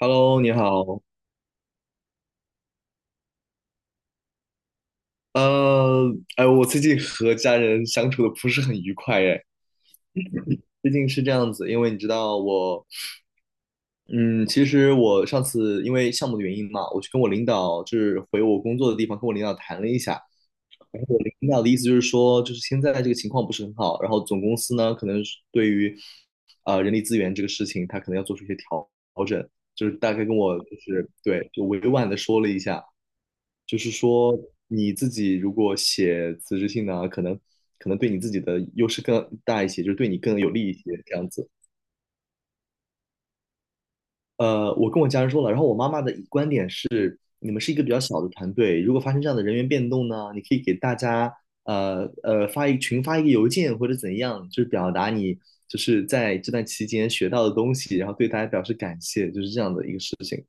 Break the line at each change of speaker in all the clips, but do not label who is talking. Hello，你好。哎，我最近和家人相处的不是很愉快，哎，最近是这样子，因为你知道我，嗯，其实我上次因为项目的原因嘛，我去跟我领导，就是回我工作的地方，跟我领导谈了一下。领导的意思就是说，就是现在这个情况不是很好，然后总公司呢，可能是对于人力资源这个事情，他可能要做出一些调整，就是大概跟我就是对，就委婉的说了一下。就是说你自己如果写辞职信呢，可能对你自己的优势更大一些，就是对你更有利一些这样子。呃，我跟我家人说了，然后我妈妈的观点是，你们是一个比较小的团队，如果发生这样的人员变动呢，你可以给大家发一个邮件或者怎样，就是表达你就是在这段期间学到的东西，然后对大家表示感谢，就是这样的一个事情。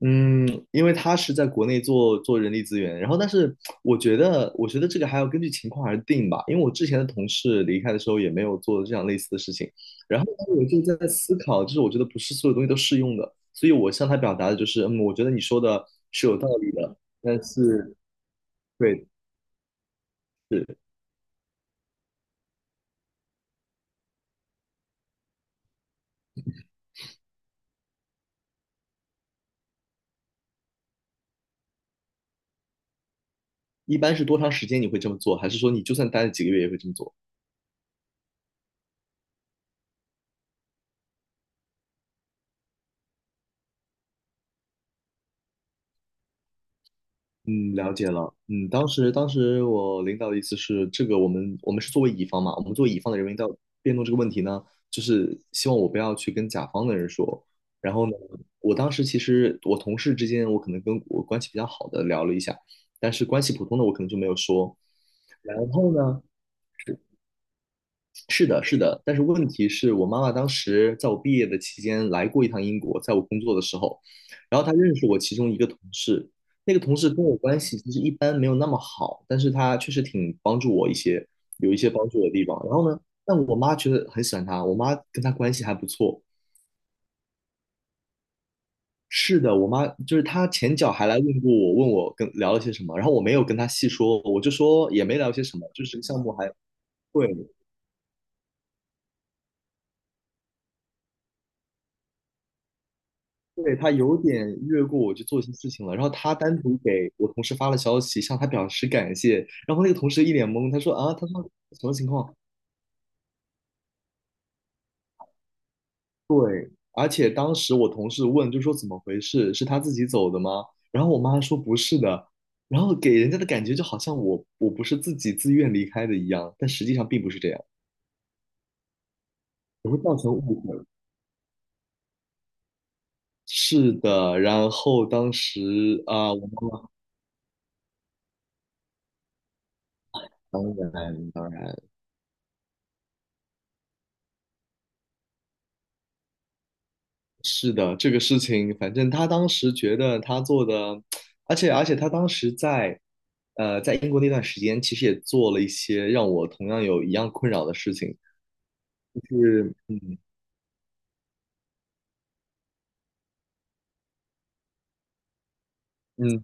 嗯，因为他是在国内做人力资源，然后但是我觉得，我觉得这个还要根据情况而定吧。因为我之前的同事离开的时候也没有做这样类似的事情，然后呢，我就在思考，就是我觉得不是所有东西都适用的，所以我向他表达的就是，嗯，我觉得你说的是有道理的，但是对，是一般是多长时间你会这么做，还是说你就算待了几个月也会这么做？嗯，了解了。嗯，当时我领导的意思是，这个我们是作为乙方嘛，我们作为乙方的人员要辩论这个问题呢，就是希望我不要去跟甲方的人说。然后呢，我当时其实我同事之间，我可能跟我关系比较好的聊了一下，但是关系普通的我可能就没有说。然后呢，是的，是的，但是问题是我妈妈当时在我毕业的期间来过一趟英国，在我工作的时候，然后她认识我其中一个同事，那个同事跟我关系其实一般没有那么好，但是他确实挺帮助我一些，有一些帮助我的地方。然后呢，但我妈觉得很喜欢他，我妈跟他关系还不错。是的，我妈就是她前脚还来问过我，问我跟聊了些什么，然后我没有跟她细说，我就说也没聊些什么，就是这个项目还对，对，他有点越过我去做一些事情了，然后他单独给我同事发了消息，向他表示感谢，然后那个同事一脸懵，他说啊，他说什么情况？对，而且当时我同事问，就说怎么回事？是他自己走的吗？然后我妈说不是的，然后给人家的感觉就好像我不是自己自愿离开的一样，但实际上并不是这样，也会造成误会。是的，然后当时啊，我妈妈当然当然。是的，这个事情，反正他当时觉得他做的，而且他当时在，在英国那段时间，其实也做了一些让我同样有一样困扰的事情，就是嗯嗯，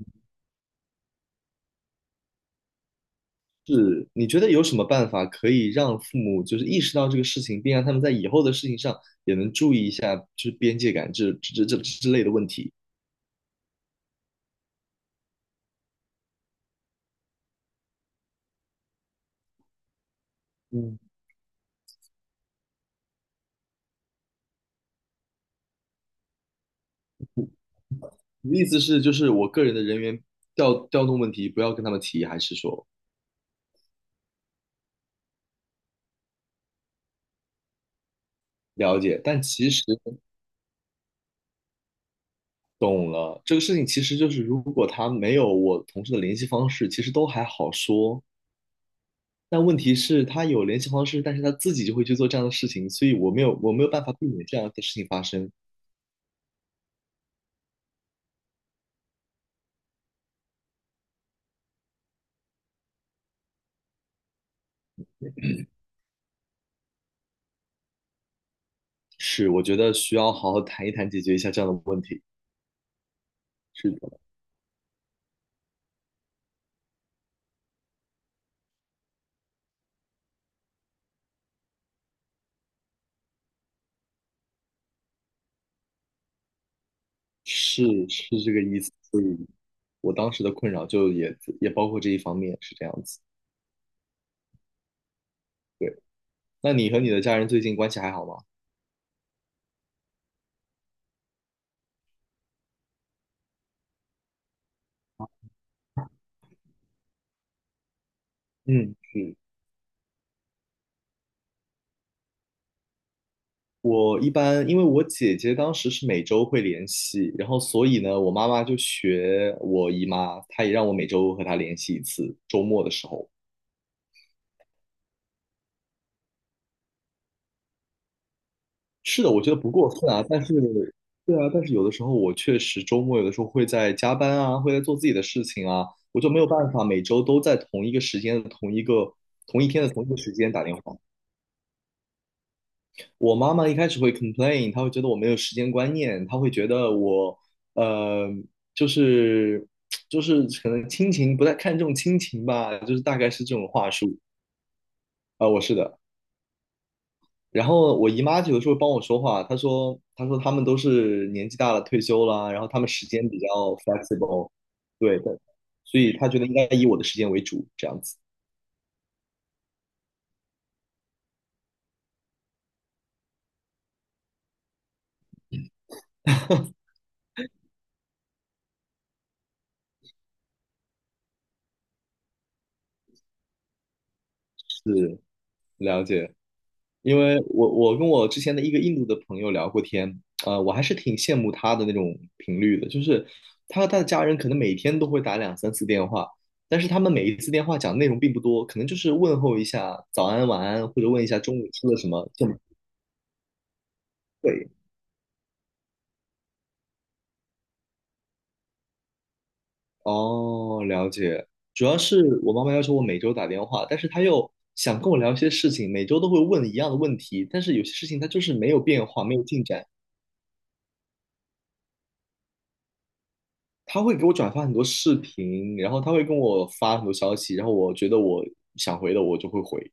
是你觉得有什么办法可以让父母就是意识到这个事情，并让他们在以后的事情上也能注意一下，就是边界感这之类的问题？嗯，你的意思是就是我个人的人员调动问题不要跟他们提，还是说了解？但其实。懂了，这个事情其实就是，如果他没有我同事的联系方式，其实都还好说。但问题是，他有联系方式，但是他自己就会去做这样的事情，所以我没有办法避免这样的事情发生。是，我觉得需要好好谈一谈，解决一下这样的问题。是的，是是这个意思。所以我当时的困扰就也包括这一方面，是这样子。那你和你的家人最近关系还好吗？嗯，是。我一般，因为我姐姐当时是每周会联系，然后所以呢，我妈妈就学我姨妈，她也让我每周和她联系一次，周末的时候。是的，我觉得不过分啊，但是，对啊，但是有的时候我确实周末有的时候会在加班啊，会在做自己的事情啊，我就没有办法每周都在同一个时间、同一天的同一个时间打电话。我妈妈一开始会 complain，她会觉得我没有时间观念，她会觉得我，呃，就是就是可能亲情不太看重亲情吧，就是大概是这种话术。啊、我是的。然后我姨妈有的时候帮我说话，她说他们都是年纪大了退休了，然后他们时间比较 flexible，对的，所以她觉得应该以我的时间为主，这样子是了解。因为我跟我之前的一个印度的朋友聊过天，呃，我还是挺羡慕他的那种频率的，就是他和他的家人可能每天都会打两三次电话，但是他们每一次电话讲的内容并不多，可能就是问候一下早安晚安，或者问一下中午吃了什么，这么对。哦，了解。主要是我妈妈要求我每周打电话，但是她又想跟我聊一些事情，每周都会问一样的问题，但是有些事情它就是没有变化，没有进展。他会给我转发很多视频，然后他会跟我发很多消息，然后我觉得我想回的我就会回。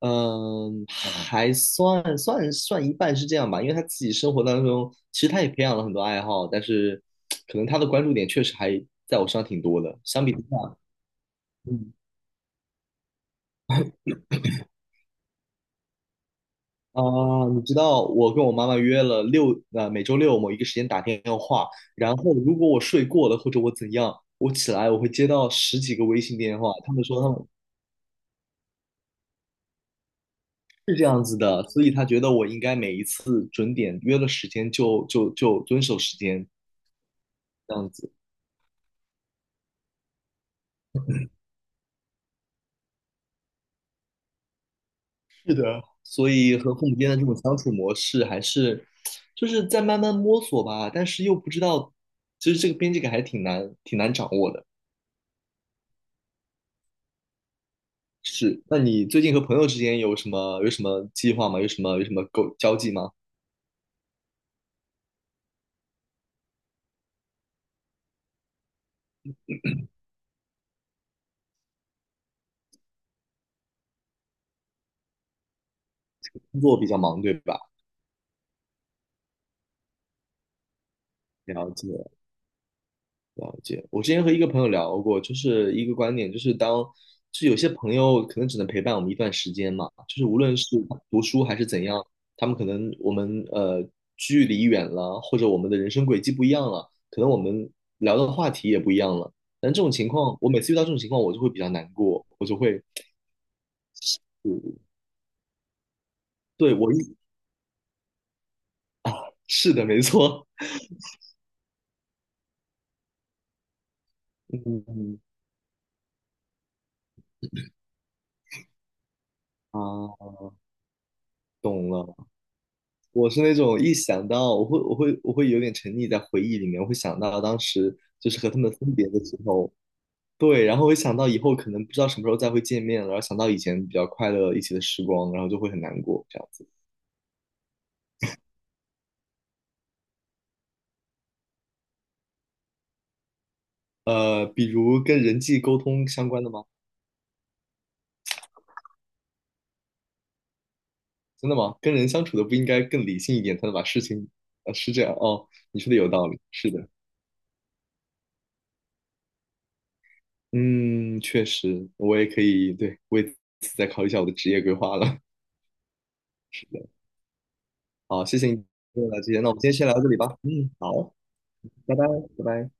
嗯，还算一半是这样吧，因为他自己生活当中，其实他也培养了很多爱好，但是可能他的关注点确实还在我身上挺多的。相比之下，嗯啊，你知道我跟我妈妈约了每周六某一个时间打电话，然后如果我睡过了或者我怎样，我起来我会接到十几个微信电话，他们说他们是这样子的，所以他觉得我应该每一次准点约了时间就遵守时间这样子。是的，所以和父母之间的这种相处模式还是就是在慢慢摸索吧，但是又不知道，其实这个边界感还挺难掌握的。是，那你最近和朋友之间有什么计划吗？有什么沟交际吗？工作比较忙，对吧？了解。了解，我之前和一个朋友聊过，就是一个观点，就是当，就是有些朋友可能只能陪伴我们一段时间嘛，就是无论是读书还是怎样，他们可能我们距离远了，或者我们的人生轨迹不一样了，可能我们聊的话题也不一样了。但这种情况，我每次遇到这种情况，我就会比较难过，我就会，对，我一，是的，没错，嗯啊，懂了。我是那种一想到我会有点沉溺在回忆里面，我会想到当时就是和他们分别的时候，对，然后会想到以后可能不知道什么时候再会见面了，然后想到以前比较快乐一起的时光，然后就会很难过这样子。呃，比如跟人际沟通相关的吗？真的吗？跟人相处的不应该更理性一点，才能把事情，是这样哦，你说的有道理，是的，嗯，确实，我也可以，对，为此再考虑一下我的职业规划了。是的。好，谢谢你给我的这些那我们今天先聊到这里吧。嗯，好，拜拜，拜拜。